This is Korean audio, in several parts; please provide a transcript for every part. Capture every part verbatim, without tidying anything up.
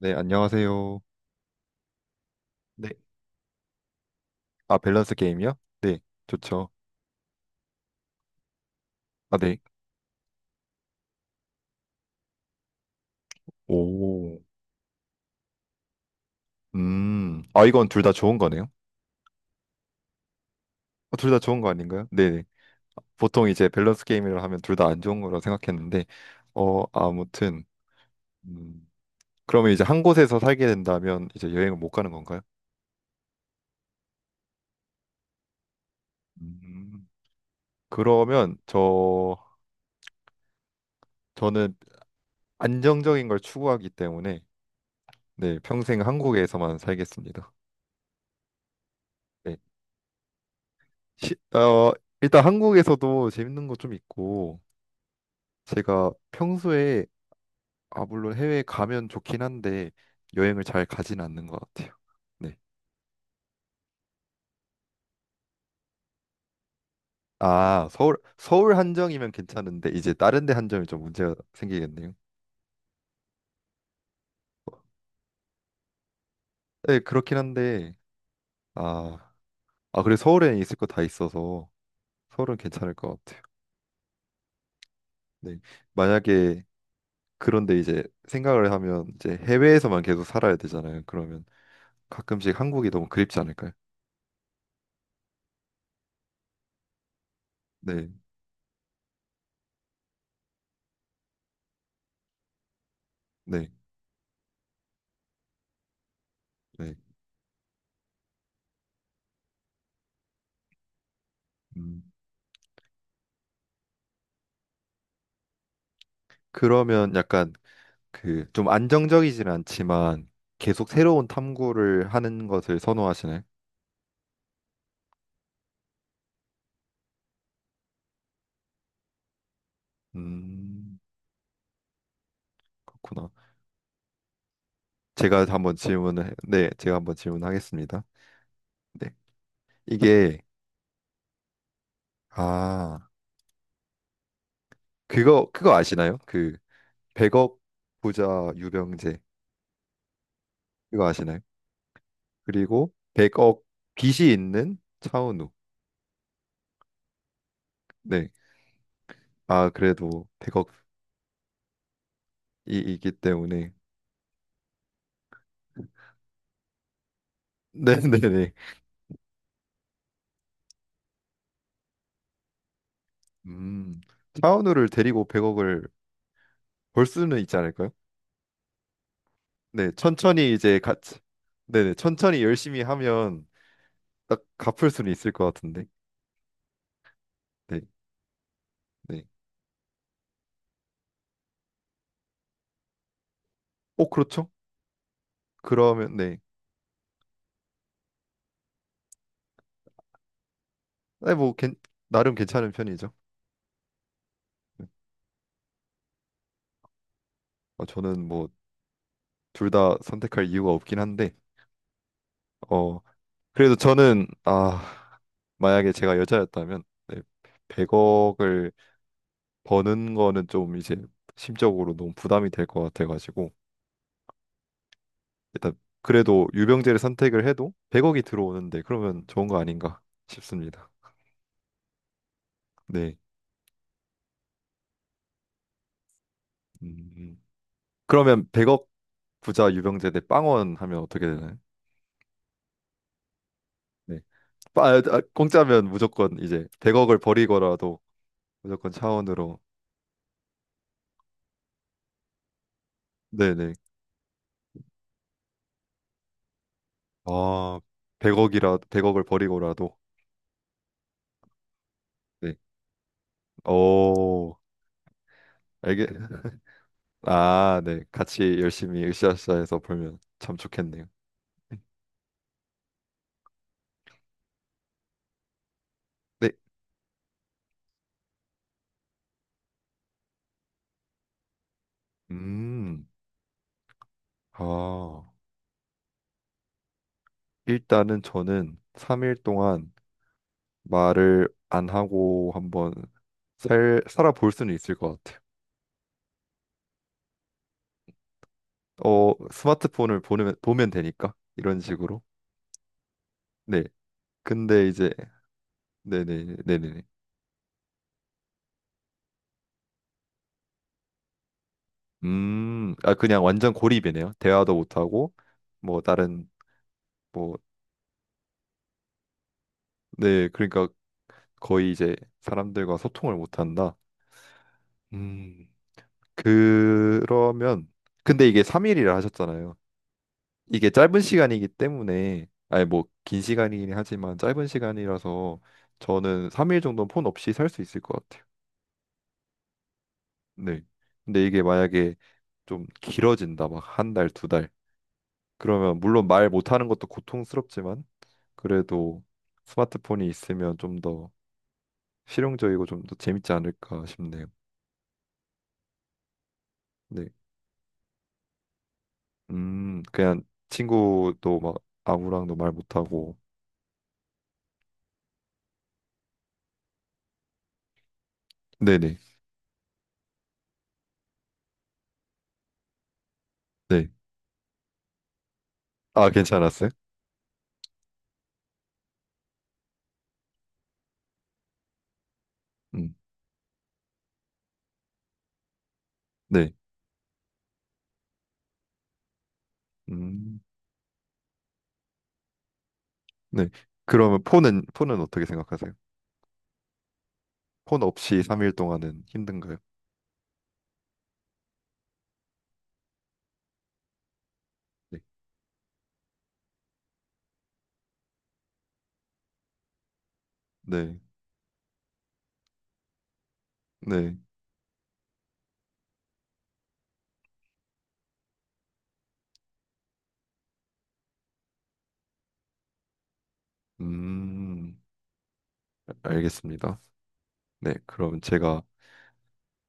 네, 안녕하세요. 네. 아, 밸런스 게임이요? 네, 좋죠. 아, 네. 오, 음. 아, 이건 둘 다 좋은 거네요? 어, 둘다 좋은 거 아닌가요? 네. 네. 보통 이제 밸런스 게임이라 하면 둘 다 안 좋은 거라 생각했는데, 어, 아무튼, 음. 그러면 이제 한 곳에서 살게 된다면 이제 여행을 못 가는 건가요? 음. 그러면 저, 저는 안정적인 걸 추구하기 때문에, 네, 평생 한국에서만 살겠습니다. 네. 시, 어, 일단 한국에서도 재밌는 거 좀 있고, 제가 평소에 아 물론 해외에 가면 좋긴 한데 여행을 잘 가진 않는 것 같아요. 네. 아 서울 서울 한정이면 괜찮은데 이제 다른 데 한정이 좀 문제가 생기겠네요. 네 그렇긴 한데 아, 아 그래 서울에 있을 거 다 있어서 서울은 괜찮을 것 같아요. 네. 만약에 그런데 이제 생각을 하면 이제 해외에서만 계속 살아야 되잖아요. 그러면 가끔씩 한국이 너무 그립지 않을까요? 네, 네, 네. 음, 그러면 약간 그 좀 안정적이진 않지만 계속 새로운 탐구를 하는 것을 선호하시네. 음, 그렇구나. 제가 한번 질문을 해- 네, 제가 한번 질문하겠습니다. 네. 이게 아, 그거 그거 아시나요? 그 백억 부자 유병재. 그거 아시나요? 그리고 백억 빚이 있는 차은우. 네. 아, 그래도 백억이 있기 때문에 네, 네, 네. 음. 차은우를 데리고 백억을 벌 수는 있지 않을까요? 네, 천천히 이제 같이 네네 천천히 열심히 하면 딱 갚을 수는 있을 것 같은데 네, 네. 어 그렇죠? 그러면 네, 네 뭐 괜, 나름 괜찮은 편이죠. 어, 저는 뭐 둘 다 선택할 이유가 없긴 한데 어 그래도 저는 아 만약에 제가 여자였다면 네, 백억을 버는 거는 좀 이제 심적으로 너무 부담이 될 것 같아가지고 일단 그래도 유병재를 선택을 해도 백억이 들어오는데 그러면 좋은 거 아닌가 싶습니다. 네. 음. 그러면 백억 부자 유병재 대 빵원 하면 어떻게 되나요? 네. 빠- 아, 아, 공짜면 무조건 이제 백억을 버리고라도 무조건 차원으로 네네 아 백억이라 백억을 버리고라도 네. 오 알게 아네 같이 열심히 으쌰으쌰해서 벌면 참 좋겠네요 네 음 아 일단은 저는 삼 일 동안 말을 안 하고 한번 살 살아볼 수는 있을 것 같아요 어, 스마트폰을 보면, 보면 되니까 이런 식으로. 네. 근데 이제 네네 네네네. 음, 아 그냥 완전 고립이네요. 대화도 못 하고 뭐 다른 뭐 네, 그러니까 거의 이제 사람들과 소통을 못 한다. 음. 그러면 근데 이게 삼 일이라 하셨잖아요. 이게 짧은 시간이기 때문에 아니 뭐 긴 시간이긴 하지만 짧은 시간이라서 저는 삼 일 정도는 폰 없이 살 수 있을 것 같아요. 네. 근데 이게 만약에 좀 길어진다, 막 한 달, 두 달. 그러면 물론 말 못하는 것도 고통스럽지만 그래도 스마트폰이 있으면 좀 더 실용적이고 좀 더 재밌지 않을까 싶네요. 네. 음, 그냥 친구도 막 아무랑도 말 못하고. 네네. 네. 아, 괜찮았어요? 음, 네. 음, 네. 그러면 폰은, 폰은 어떻게 생각하세요? 폰 없이 삼 일 동안은 힘든가요? 네. 네. 네. 음. 알겠습니다. 네, 그럼 제가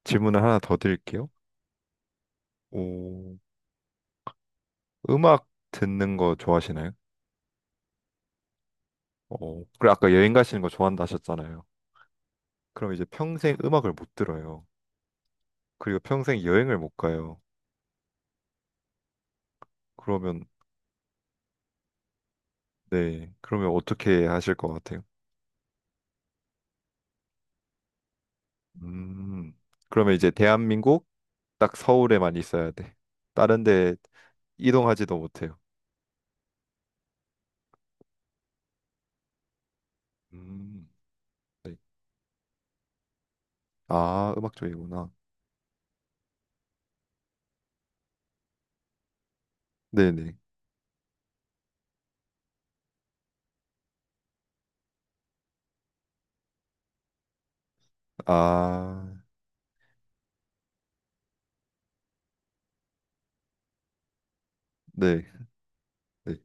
질문을 하나 더 드릴게요. 오, 음악 듣는 거 좋아하시나요? 어, 그리고 아까 여행 가시는 거 좋아한다 하셨잖아요. 그럼 이제 평생 음악을 못 들어요. 그리고 평생 여행을 못 가요. 그러면 네, 그러면 어떻게 하실 것 같아요? 음, 그러면 이제 대한민국 딱 서울에만 있어야 돼. 다른 데 이동하지도 못해요. 음, 네. 아, 음악 쪽이구나. 네네. 아, 네. 네.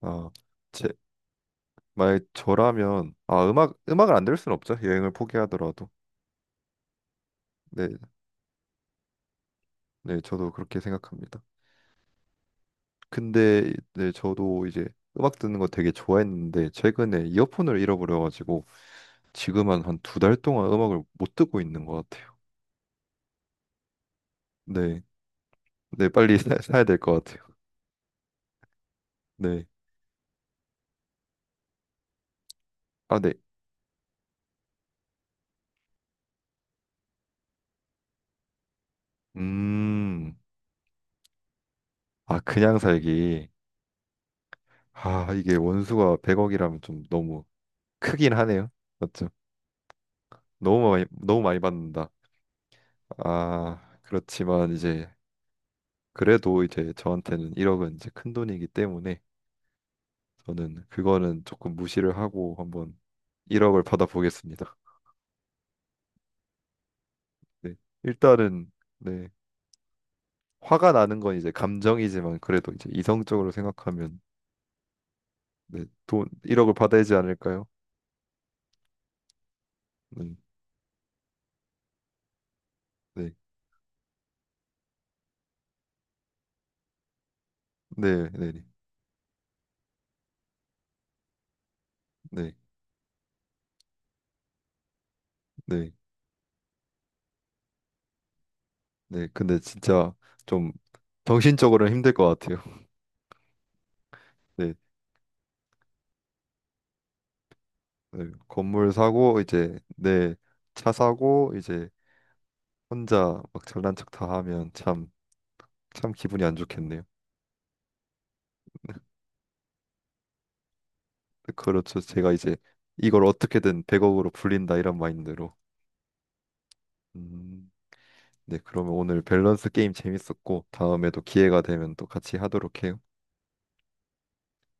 아, 제, 만약 저라면 아 음악 음악을 안 들을 수는 없죠 여행을 포기하더라도 네, 네 저도 그렇게 생각합니다. 근데 네 저도 이제 음악 듣는 거 되게 좋아했는데 최근에 이어폰을 잃어버려가지고 지금은 한 두 달 동안 음악을 못 듣고 있는 것 같아요. 네, 네 빨리 사, 사야 될 것 같아요. 네, 아 네, 음, 아 그냥 살기 아 이게 원수가 백억이라면 좀 너무 크긴 하네요. 맞죠? 너무 많이 너무 많이 받는다. 아, 그렇지만 이제 그래도 이제 저한테는 일억은 이제 큰 돈이기 때문에 저는 그거는 조금 무시를 하고 한번 일억을 받아보겠습니다. 네. 일단은 네. 화가 나는 건 이제 감정이지만 그래도 이제 이성적으로 생각하면 네. 돈 일억을 받아야지 않을까요? 음, 네. 네, 네, 네. 네. 네. 네. 근데 진짜 좀 정신적으로는 힘들 것 같아요. 네. 네. 건물 사고 이제 네. 차 사고 이제 혼자 막 잘난 척 다 하면 참, 참 기분이 안 좋겠네요. 그렇죠. 제가 이제 이걸 어떻게든 백억으로 불린다 이런 마인드로. 음, 네, 그러면 오늘 밸런스 게임 재밌었고 다음에도 기회가 되면 또 같이 하도록 해요.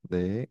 네.